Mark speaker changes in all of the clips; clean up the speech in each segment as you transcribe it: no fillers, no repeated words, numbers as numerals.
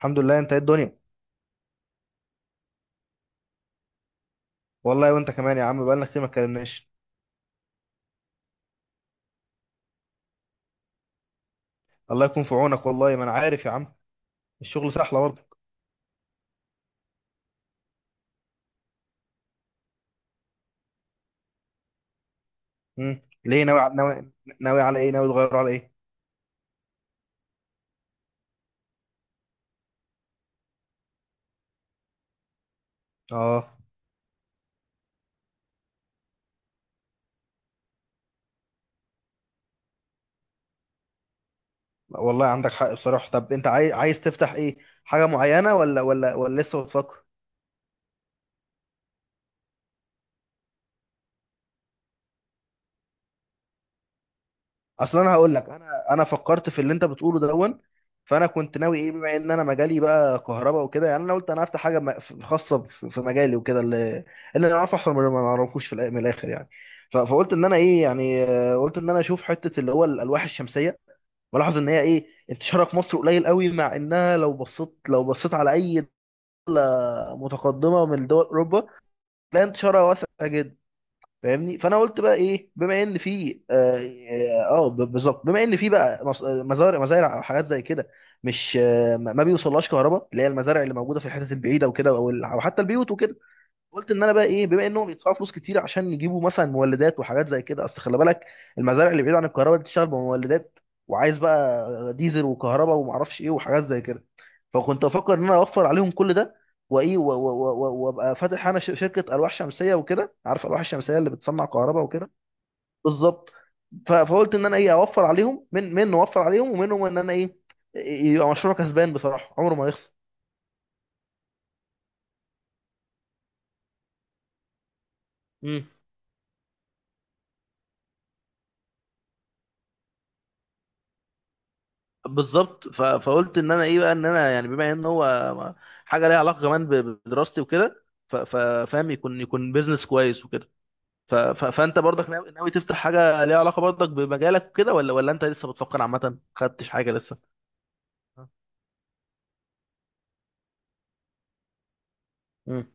Speaker 1: الحمد لله، انت ايه الدنيا؟ والله وانت كمان يا عم، بقالنا كتير ما اتكلمناش. الله يكون في عونك، والله ما انا عارف يا عم. الشغل سهله برضه. ليه؟ ناوي على ايه؟ ناوي تغير على ايه؟ اه. والله عندك حق بصراحه. طب انت عايز تفتح ايه؟ حاجه معينه ولا لسه بتفكر؟ اصل انا هقول لك، انا فكرت في اللي انت بتقوله دون. فانا كنت ناوي ايه، بما ان انا مجالي بقى كهرباء وكده، يعني انا قلت انا هفتح حاجه خاصه في مجالي وكده، اللي اللي انا اعرفه احسن من اللي ما اعرفوش، من الاخر يعني. فقلت ان انا ايه يعني، قلت ان انا اشوف حته اللي هو الالواح الشمسيه. بلاحظ ان هي ايه انتشارها في مصر قليل قوي، مع انها لو بصيت لو بصيت على اي دوله متقدمه من دول اوروبا، تلاقي انتشارها واسع جدا. فاهمني، فانا قلت بقى ايه، بما ان في بالظبط، بما ان في بقى مزارع، مزارع او حاجات زي كده، مش ما بيوصلهاش كهرباء، اللي هي المزارع اللي موجوده في الحتت البعيده وكده، أو حتى البيوت وكده. قلت ان انا بقى ايه، بما انهم بيدفعوا فلوس كتير عشان يجيبوا مثلا مولدات وحاجات زي كده. اصل خلي بالك، المزارع اللي بعيد عن الكهرباء دي بتشتغل بمولدات، وعايز بقى ديزل وكهرباء ومعرفش ايه وحاجات زي كده. فكنت افكر ان انا اوفر عليهم كل ده، وايه، و- و- و- و- وابقى فاتح انا شركه الواح شمسيه وكده. عارف الواح الشمسيه اللي بتصنع كهرباء وكده؟ بالظبط. فقلت ان انا ايه، اوفر عليهم من اوفر عليهم ومنهم، ان انا ايه، يبقى مشروع كسبان بصراحه، عمره ما يخسر. بالظبط. ف... فقلت ان انا ايه بقى، ان انا يعني بما ان هو حاجه ليها علاقه كمان بدراستي وكده. فاهم؟ يكون بيزنس كويس وكده. ف... ف... فانت برضك ناوي تفتح حاجه ليها علاقه برضك بمجالك وكده، ولا انت لسه بتفكر عامه ما خدتش حاجه لسه؟ مم.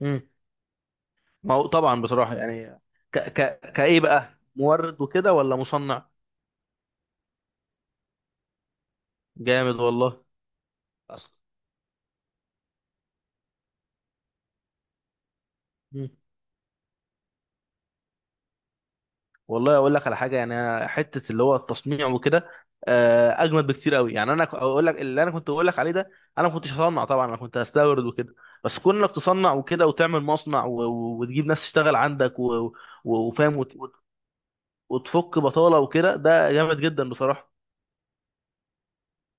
Speaker 1: مم. ما هو طبعا بصراحه يعني، كايه بقى، مورد وكده ولا مصنع؟ جامد والله. أصلا، والله اقول لك على حاجه يعني، أنا حته اللي هو التصنيع وكده، اجمد بكتير قوي يعني. انا اقول لك، اللي انا كنت بقول لك عليه ده، انا ما كنتش هصنع طبعا، انا كنت هستورد وكده. بس كون انك تصنع وكده وتعمل مصنع، و- و- وتجيب ناس تشتغل عندك، و- و- وفاهم، وت- وت- وتفك بطاله وكده، ده جامد جدا بصراحه.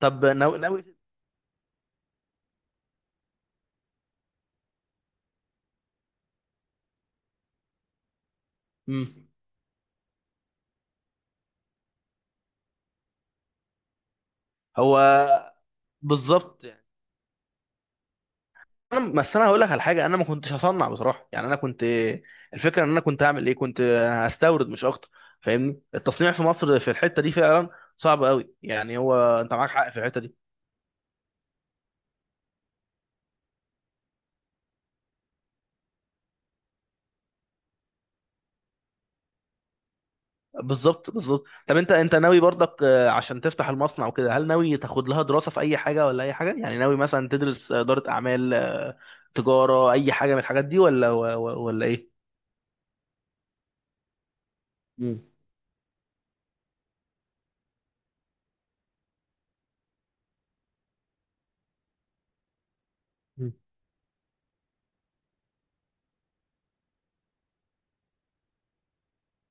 Speaker 1: طب ناوي مم. هو بالظبط يعني. انا بس انا هقول لك على حاجه، انا ما كنتش هصنع بصراحه يعني، انا كنت... الفكره ان انا كنت هعمل ايه، كنت هستورد مش اكتر. فاهمني، التصنيع في مصر في الحته دي فعلا صعب قوي يعني، هو انت معاك حق في الحته دي. بالظبط، بالظبط. طب انت ناوي برضك عشان تفتح المصنع وكده، هل ناوي تاخد لها دراسه في اي حاجه ولا اي حاجه يعني؟ ناوي مثلا تدرس اداره اعمال، تجاره، اي حاجه من الحاجات دي، ولا ايه؟ مم. مم.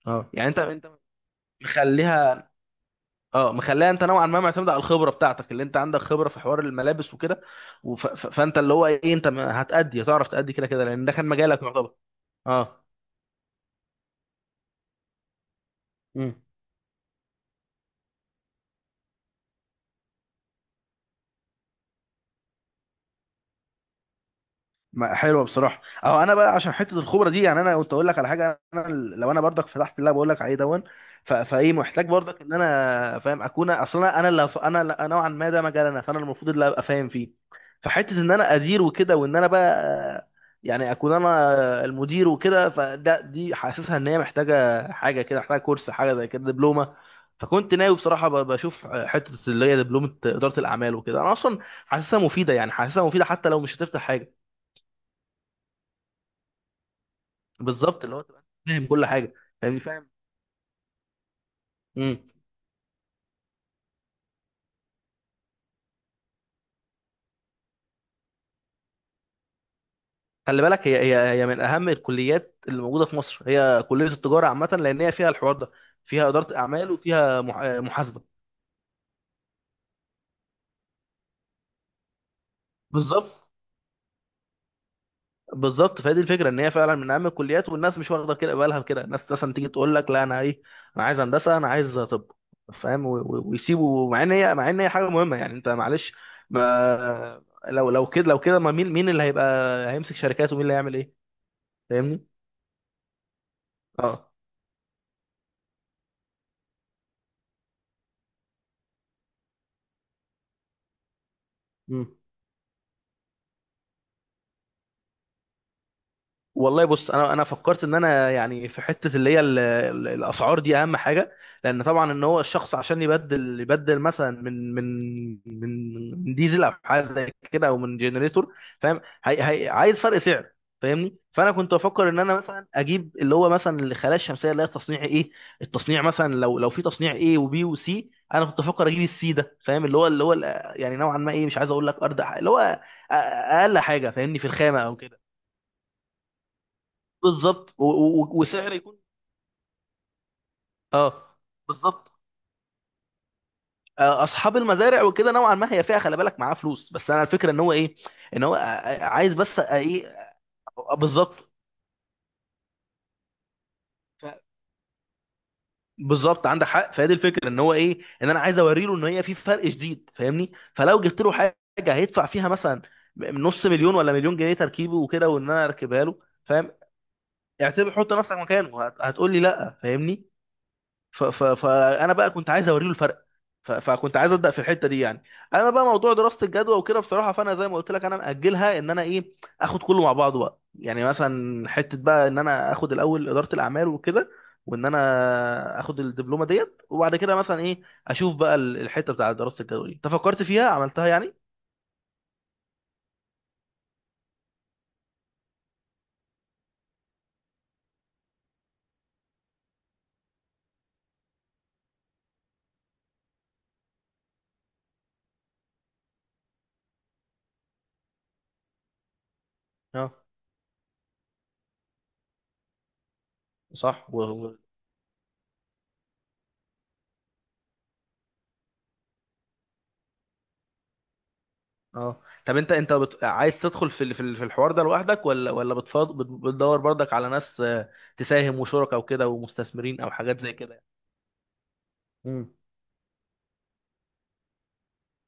Speaker 1: اه يعني، انت مخليها، اه مخليها انت نوعا ما معتمد على الخبره بتاعتك، اللي انت عندك خبره في حوار الملابس وكده. فانت اللي هو ايه، انت ما- هتأدي هتعرف تأدي كده كده، لان ده كان مجالك يعتبر. اه. مم. حلوه بصراحه. اهو انا بقى عشان حته الخبره دي يعني، انا كنت اقول لك على حاجه، انا لو انا برضك فتحت اللي أنا بقول لك عليه دون، ف- فايه، محتاج برضك ان انا فاهم اكون، اصلا انا اللي هص- انا اللي- نوعا ما ده مجالنا، فانا المفروض اللي ابقى فاهم فيه. فحته ان انا ادير وكده، وان انا بقى يعني اكون انا المدير وكده، فده دي حاسسها ان هي محتاجه حاجه كده، محتاجه كورس حاجه زي كده، دبلومه. فكنت ناوي بصراحه ب- بشوف حته اللي هي دبلومه اداره الاعمال وكده. انا اصلا حاسسها مفيده يعني، حاسسها مفيده حتى لو مش هتفتح حاجه. بالظبط، اللي هو تبقى فاهم كل حاجه. فاهمني، فاهم. امم. خلي بالك، هي من اهم الكليات اللي موجوده في مصر، هي كليه التجاره عامه، لان هي فيها الحوار ده، فيها اداره اعمال وفيها محاسبه. بالظبط، بالظبط. فهي دي الفكره، ان هي فعلا من اهم الكليات، والناس مش واخده كده بالها كده. الناس مثلا تيجي تقول لك لا انا ايه، انا عايز هندسه، انا عايز طب، فاهم، و- و- ويسيبوا، مع ان هي حاجه مهمه يعني، انت معلش. ما لو كده، لو كده ما مين اللي هيبقى، هيمسك شركات، ومين اللي هيعمل ايه؟ فاهمني. اه. والله بص، انا فكرت ان انا يعني، في حته اللي هي الاسعار دي اهم حاجه. لان طبعا ان هو الشخص عشان يبدل مثلا من من ديزل او حاجه زي كده، او من جنريتور، فاهم، هي عايز فرق سعر. فاهمني، فانا كنت بفكر ان انا مثلا اجيب اللي هو مثلا الخلايا الشمسيه اللي هي تصنيع ايه. التصنيع مثلا، لو في تصنيع ايه وبي وسي، انا كنت بفكر اجيب السي ده، فاهم، يعني نوعا ما ايه، مش عايز اقول لك ارض اللي هو اقل حاجه، فاهمني، في الخامه او كده، بالظبط، و- و- وسعر يكون، اه، بالظبط. اصحاب المزارع وكده نوعا ما هي فيها، خلي بالك معاه فلوس، بس انا الفكره ان هو ايه، ان هو عايز بس ايه، بالظبط. ف- بالظبط عندك حق. فهي دي الفكره ان هو ايه، ان انا عايز اوريله ان هي في فرق شديد، فاهمني، فلو جبت له حاجه هيدفع فيها مثلا نص مليون ولا مليون جنيه تركيبه وكده، وان انا اركبها له، فاهم. اعتبر حط نفسك مكانه، هتقول لي لا، فاهمني. ف ف فانا بقى كنت عايز اوريله الفرق، ف فكنت عايز ابدا في الحته دي يعني. انا بقى موضوع دراسه الجدوى وكده بصراحه، فانا زي ما قلت لك، انا ماجلها ان انا ايه، اخد كله مع بعضه بقى يعني، مثلا حته بقى ان انا اخد الاول اداره الاعمال وكده، وان انا اخد الدبلومه ديت، وبعد كده مثلا ايه، اشوف بقى الحته بتاع دراسه الجدوى دي. انت فكرت فيها عملتها يعني؟ اه. صح. اه. طب انت عايز تدخل في الحوار ده لوحدك، ولا بتدور برضك على ناس، تساهم وشركاء وكده، ومستثمرين او حاجات زي كده؟ يعني.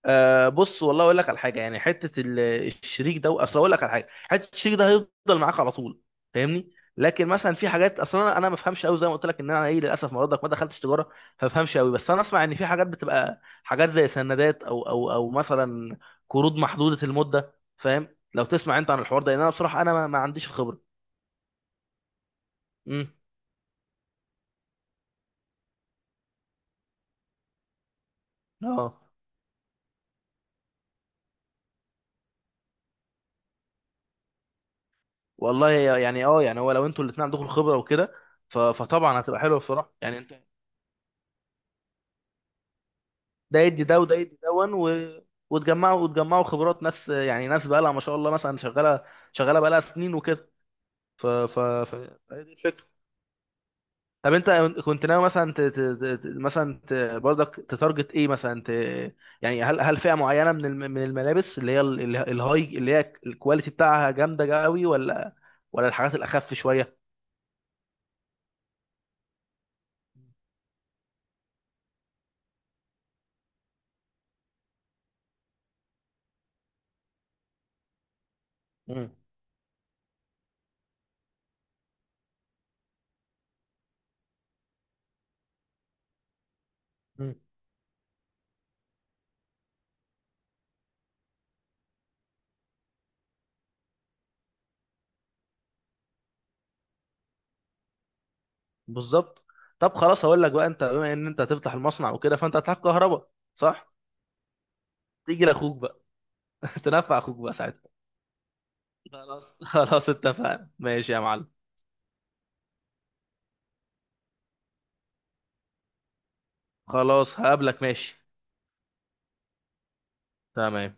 Speaker 1: بص، والله اقول لك على حاجه يعني، حته الشريك ده، اصل اقول لك على حاجه، حته الشريك ده هيفضل معاك على طول، فاهمني. لكن مثلا في حاجات، اصلا انا ما بفهمش قوي، زي ما قلت لك ان انا ايه، للاسف ما برضك ما دخلتش تجاره، فما بفهمش قوي، بس انا اسمع ان في حاجات بتبقى حاجات زي سندات، او مثلا قروض محدوده المده، فاهم، لو تسمع انت عن الحوار ده، لان انا بصراحه انا ما عنديش الخبره. امم. اه. والله يعني، يعني هو لو انتوا الاثنين عندكم الخبره وكده، ف- فطبعا هتبقى حلوه بصراحه يعني، انت ده يدي ده وده يدي دون، و... وتجمعوا خبرات ناس يعني، ناس بقى لها ما شاء الله مثلا، شغاله بقى لها سنين وكده. ف ف ف فهي دي الفكره. طب انت كنت ناوي مثلا برضك تتارجت ايه مثلا يعني، هل فئه معينه من الملابس اللي هي الهاي اللي هي الكواليتي بتاعها جامده قوي، ولا ولا الحاجات الاخف شويه؟ مم. مم. بالظبط. طب خلاص هقول لك بقى، انت بما ان انت هتفتح المصنع وكده، فانت هتحتاج كهرباء. صح، تيجي لاخوك بقى. تنفع اخوك بقى ساعتها. خلاص، خلاص، اتفقنا، ماشي يا معلم. خلاص هقابلك، ماشي. تمام.